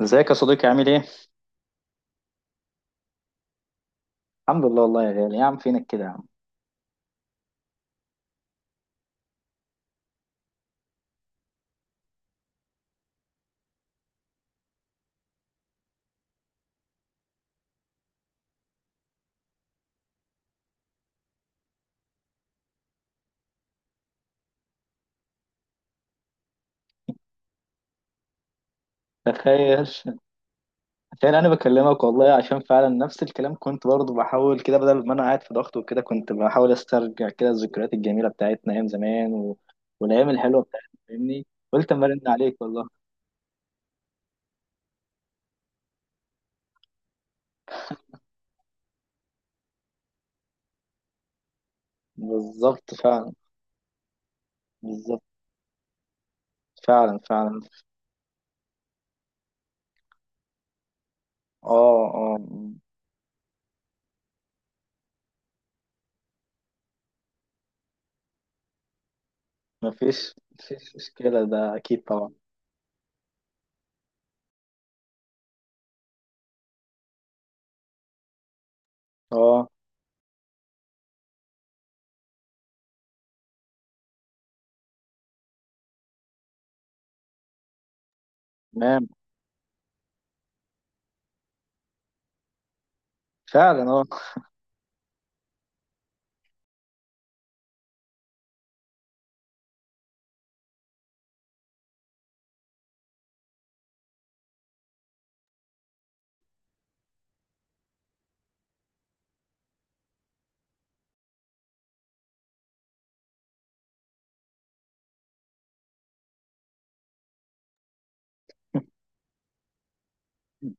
ازيك يا صديقي، عامل ايه؟ الحمد لله والله يا غالي، يا عم فينك كده يا عم. تخيل تخيل انا بكلمك والله، عشان فعلا نفس الكلام، كنت برضه بحاول كده. بدل ما انا قاعد في ضغط وكده، كنت بحاول استرجع كده الذكريات الجميلة بتاعتنا ايام زمان والايام الحلوة بتاعتنا. فاهمني؟ قلت اما ارن عليك والله. بالظبط فعلا. بالظبط فعلا. فعلا. اه، اه. مفيش مفيش مشكلة، ده اكيد طبعا. اه، تمام. فعلا، اه.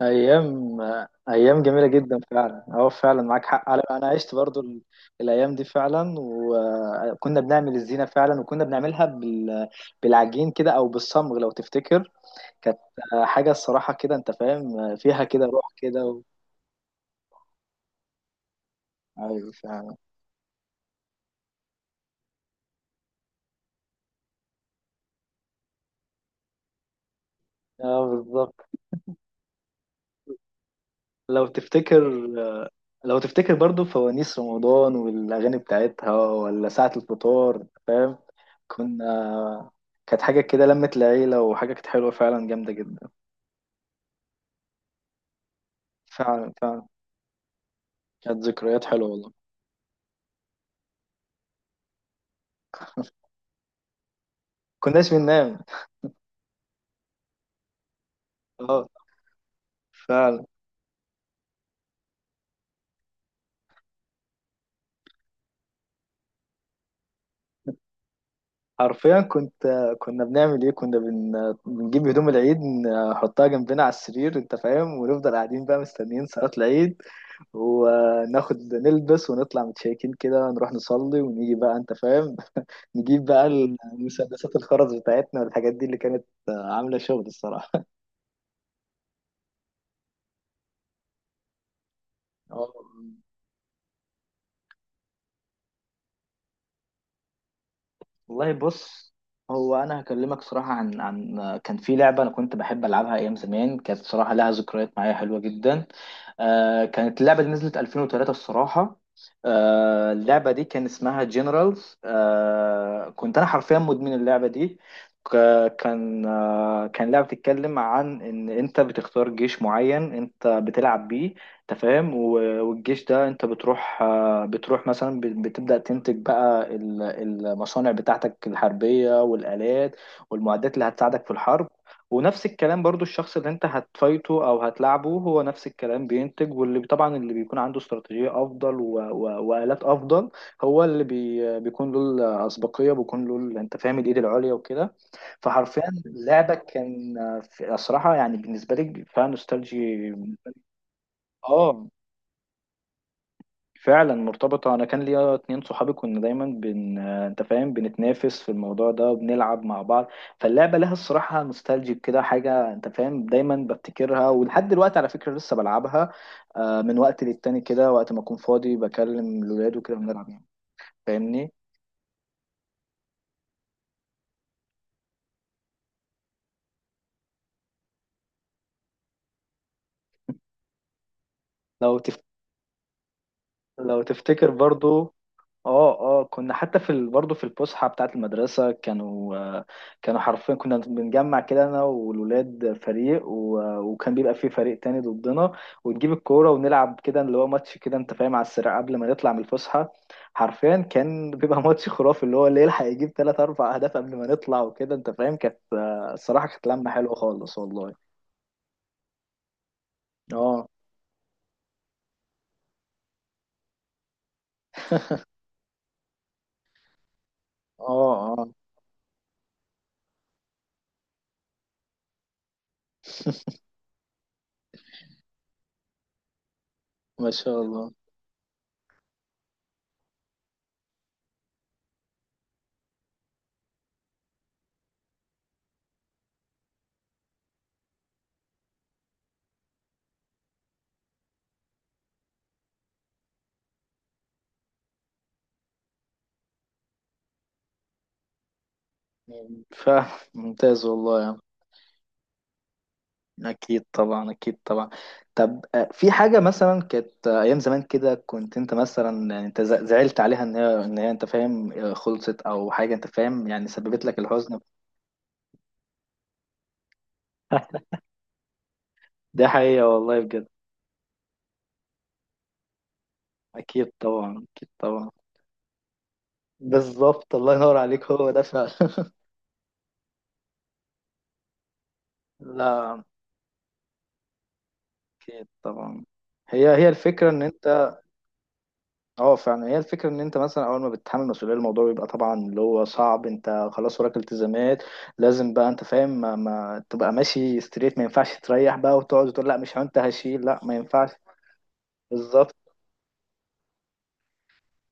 ايام ايام جميله جدا، فعلا. اه، فعلا معاك حق، على انا عشت برضو الايام دي فعلا. وكنا بنعمل الزينه فعلا، وكنا بنعملها بالعجين كده او بالصمغ لو تفتكر. كانت حاجه الصراحه كده، انت فاهم، فيها كده روح كده. ايوه فعلا، اه بالظبط. لو تفتكر لو تفتكر برضو فوانيس رمضان والاغاني بتاعتها، ولا ساعه الفطار. أنت فاهم؟ كنا كانت حاجه كده لمت العيله، وحاجه كانت حلوه فعلا، جامده جدا. فعلا فعلا. كانت ذكريات حلوة والله. كناش بننام؟ اه فعلا. حرفيا كنت كنا بنعمل ايه؟ بنجيب هدوم العيد نحطها جنبنا على السرير، انت فاهم، ونفضل قاعدين بقى مستنيين صلاة العيد. وناخد نلبس ونطلع متشيكين كده، نروح نصلي ونيجي بقى، انت فاهم، نجيب بقى المسدسات الخرز بتاعتنا والحاجات دي اللي كانت عاملة شغل الصراحة. اه والله، بص. هو انا هكلمك صراحه عن كان في لعبه انا كنت بحب العبها ايام زمان، كانت صراحه لها ذكريات معايا حلوه جدا. آه، كانت اللعبه اللي نزلت 2003 الصراحه. آه، اللعبه دي كان اسمها جنرالز. آه، كنت انا حرفيا مدمن اللعبه دي. كان لعبه بتتكلم عن ان انت بتختار جيش معين انت بتلعب بيه، انت فاهم. والجيش ده انت بتروح مثلا بتبدأ تنتج بقى المصانع بتاعتك الحربية والآلات والمعدات اللي هتساعدك في الحرب. ونفس الكلام برضو، الشخص اللي انت هتفايته او هتلاعبه هو نفس الكلام بينتج. واللي طبعا اللي بيكون عنده استراتيجية افضل وآلات افضل، هو اللي بيكون له الاسبقية، بيكون له انت فاهم الايد العليا وكده. فحرفيا لعبك كان في الصراحة يعني بالنسبة لي فيها نوستالجي. اه فعلا مرتبطة. أنا كان ليا اتنين صحابي، كنا دايما بن أنت فاهم بنتنافس في الموضوع ده وبنلعب مع بعض. فاللعبة لها الصراحة نوستالجيك كده حاجة، أنت فاهم، دايما بفتكرها. ولحد دلوقتي على فكرة لسه بلعبها، من وقت للتاني كده، وقت ما أكون فاضي بكلم الولاد وكده بنلعب يعني. فاهمني؟ لو تف... لو تفتكر برضو. اه اه، كنا حتى في برضه في الفسحه بتاعه المدرسه كانوا كانوا حرفيا، كنا بنجمع كده انا والولاد فريق و... آه، وكان بيبقى فيه فريق تاني ضدنا، ونجيب الكوره ونلعب كده، اللي هو ماتش كده انت فاهم، على السريع قبل ما نطلع من الفسحه. حرفيا كان بيبقى ماتش خرافي، اللي هو اللي يلحق يجيب ثلاث اربع اهداف قبل ما نطلع وكده، انت فاهم. كانت الصراحه كانت لمه حلوه خالص والله. اه، اه، اه. ما شاء الله. ف ممتاز والله. أكيد طبعا، أكيد طبعا. طب في حاجة مثلا كانت أيام زمان كده، كنت أنت مثلا يعني أنت زعلت عليها إن هي أنت فاهم خلصت أو حاجة أنت فاهم، يعني سببت لك الحزن. ده حقيقة والله بجد. أكيد طبعا، أكيد طبعا. بالظبط، الله ينور عليك، هو ده فعلا. لا، أكيد طبعا، هي الفكرة إن أنت... اه فعلا، هي الفكرة ان انت مثلا، اول ما بتتحمل مسؤولية الموضوع بيبقى طبعا اللي هو صعب، انت خلاص وراك التزامات. لازم بقى، انت فاهم، ما تبقى ماشي ستريت، ما ينفعش تريح بقى وتقعد تقول لا مش انت هشيل. لا ما ينفعش. بالظبط.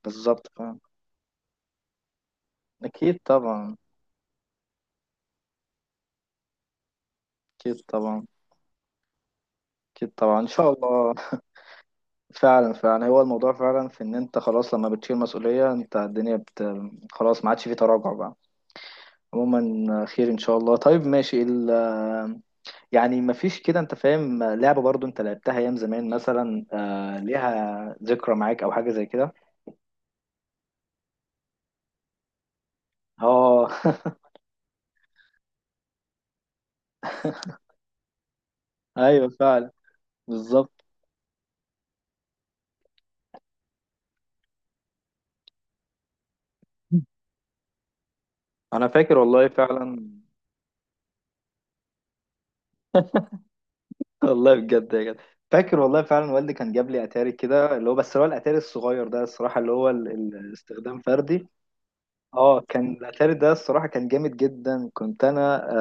بالظبط فعلا. اكيد طبعا، اكيد طبعا، اكيد طبعا، ان شاء الله. فعلا، فعلا، هو الموضوع فعلا في ان انت خلاص لما بتشيل مسؤولية انت الدنيا خلاص ما عادش في تراجع بقى. عموما خير ان شاء الله. طيب ماشي يعني مفيش كده انت فاهم لعبة برضو انت لعبتها ايام زمان مثلا، آه، ليها ذكرى معاك او حاجة زي كده؟ اه. ايوه فعلا. بالظبط. انا فاكر والله فعلا. والله بجد يا جدع. فاكر والله فعلا، والدي كان جاب لي اتاري كده، اللي هو بس هو الاتاري الصغير ده الصراحة، اللي هو الاستخدام فردي. اه، كان الاتاري ده الصراحه كان جامد جدا. كنت انا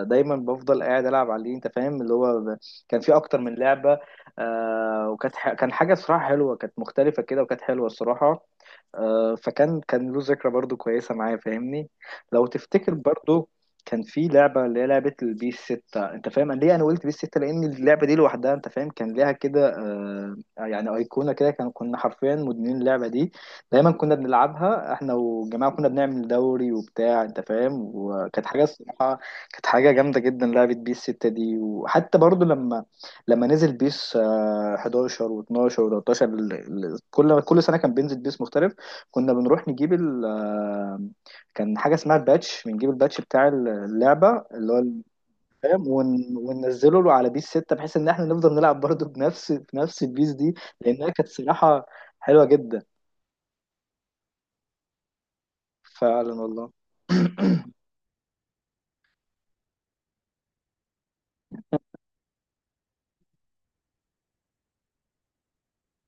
آه دايما بفضل قاعد العب عليه، انت فاهم، اللي هو كان فيه اكتر من لعبه. آه، كان حاجه صراحه حلوه، كانت مختلفه كده وكانت حلوه الصراحه. آه كان له ذكرى برضو كويسه معايا، فاهمني؟ لو تفتكر برضو كان في لعبه اللي هي لعبه البيس 6. انت فاهم أنا ليه انا قلت بيس 6؟ لان اللعبه دي لوحدها انت فاهم كان ليها كده آه يعني ايقونه كده، كان كنا حرفيا مدمنين اللعبه دي. دايما كنا بنلعبها احنا والجماعه، كنا بنعمل دوري وبتاع انت فاهم. وكانت حاجه الصراحه، كانت حاجه جامده جدا لعبه بيس 6 دي. وحتى برضو لما نزل بيس 11 و12 و13، كل سنه كان بينزل بيس مختلف. كنا بنروح نجيب ال آه، كان حاجه اسمها الباتش، بنجيب الباتش بتاع اللعبه اللي هو فاهم وننزله له على بيس 6، بحيث ان احنا نفضل نلعب برضو بنفس البيس دي، لانها كانت صراحه حلوه جدا. فعلا والله.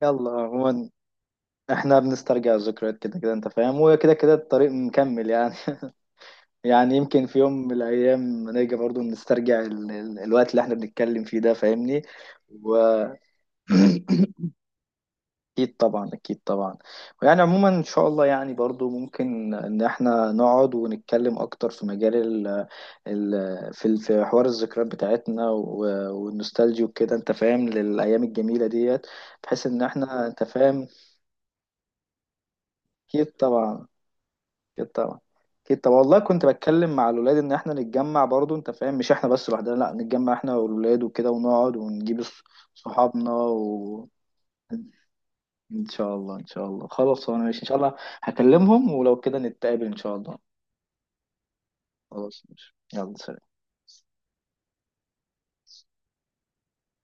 يلا عموما، احنا بنسترجع الذكريات كده كده انت فاهم، وكده كده الطريق مكمل يعني. يعني يمكن في يوم من الايام نيجي برضو نسترجع الوقت اللي احنا بنتكلم فيه ده، فاهمني؟ و اكيد طبعا، اكيد طبعا. ويعني عموما ان شاء الله، يعني برضو ممكن ان احنا نقعد ونتكلم اكتر في مجال في حوار الذكريات بتاعتنا والنوستالجي وكده، انت فاهم، للايام الجميله ديت، بحيث ان احنا انت فاهم. اكيد طبعا، اكيد طبعا، اكيد طبعا والله. كنت بتكلم مع الولاد ان احنا نتجمع برضو انت فاهم، مش احنا بس لوحدنا، لا نتجمع احنا والولاد وكده، ونقعد ونجيب صحابنا و... ان شاء الله، ان شاء الله. خلاص انا ماشي ان شاء الله، هكلمهم ولو كده نتقابل ان شاء الله. خلاص ماشي، يلا سلام.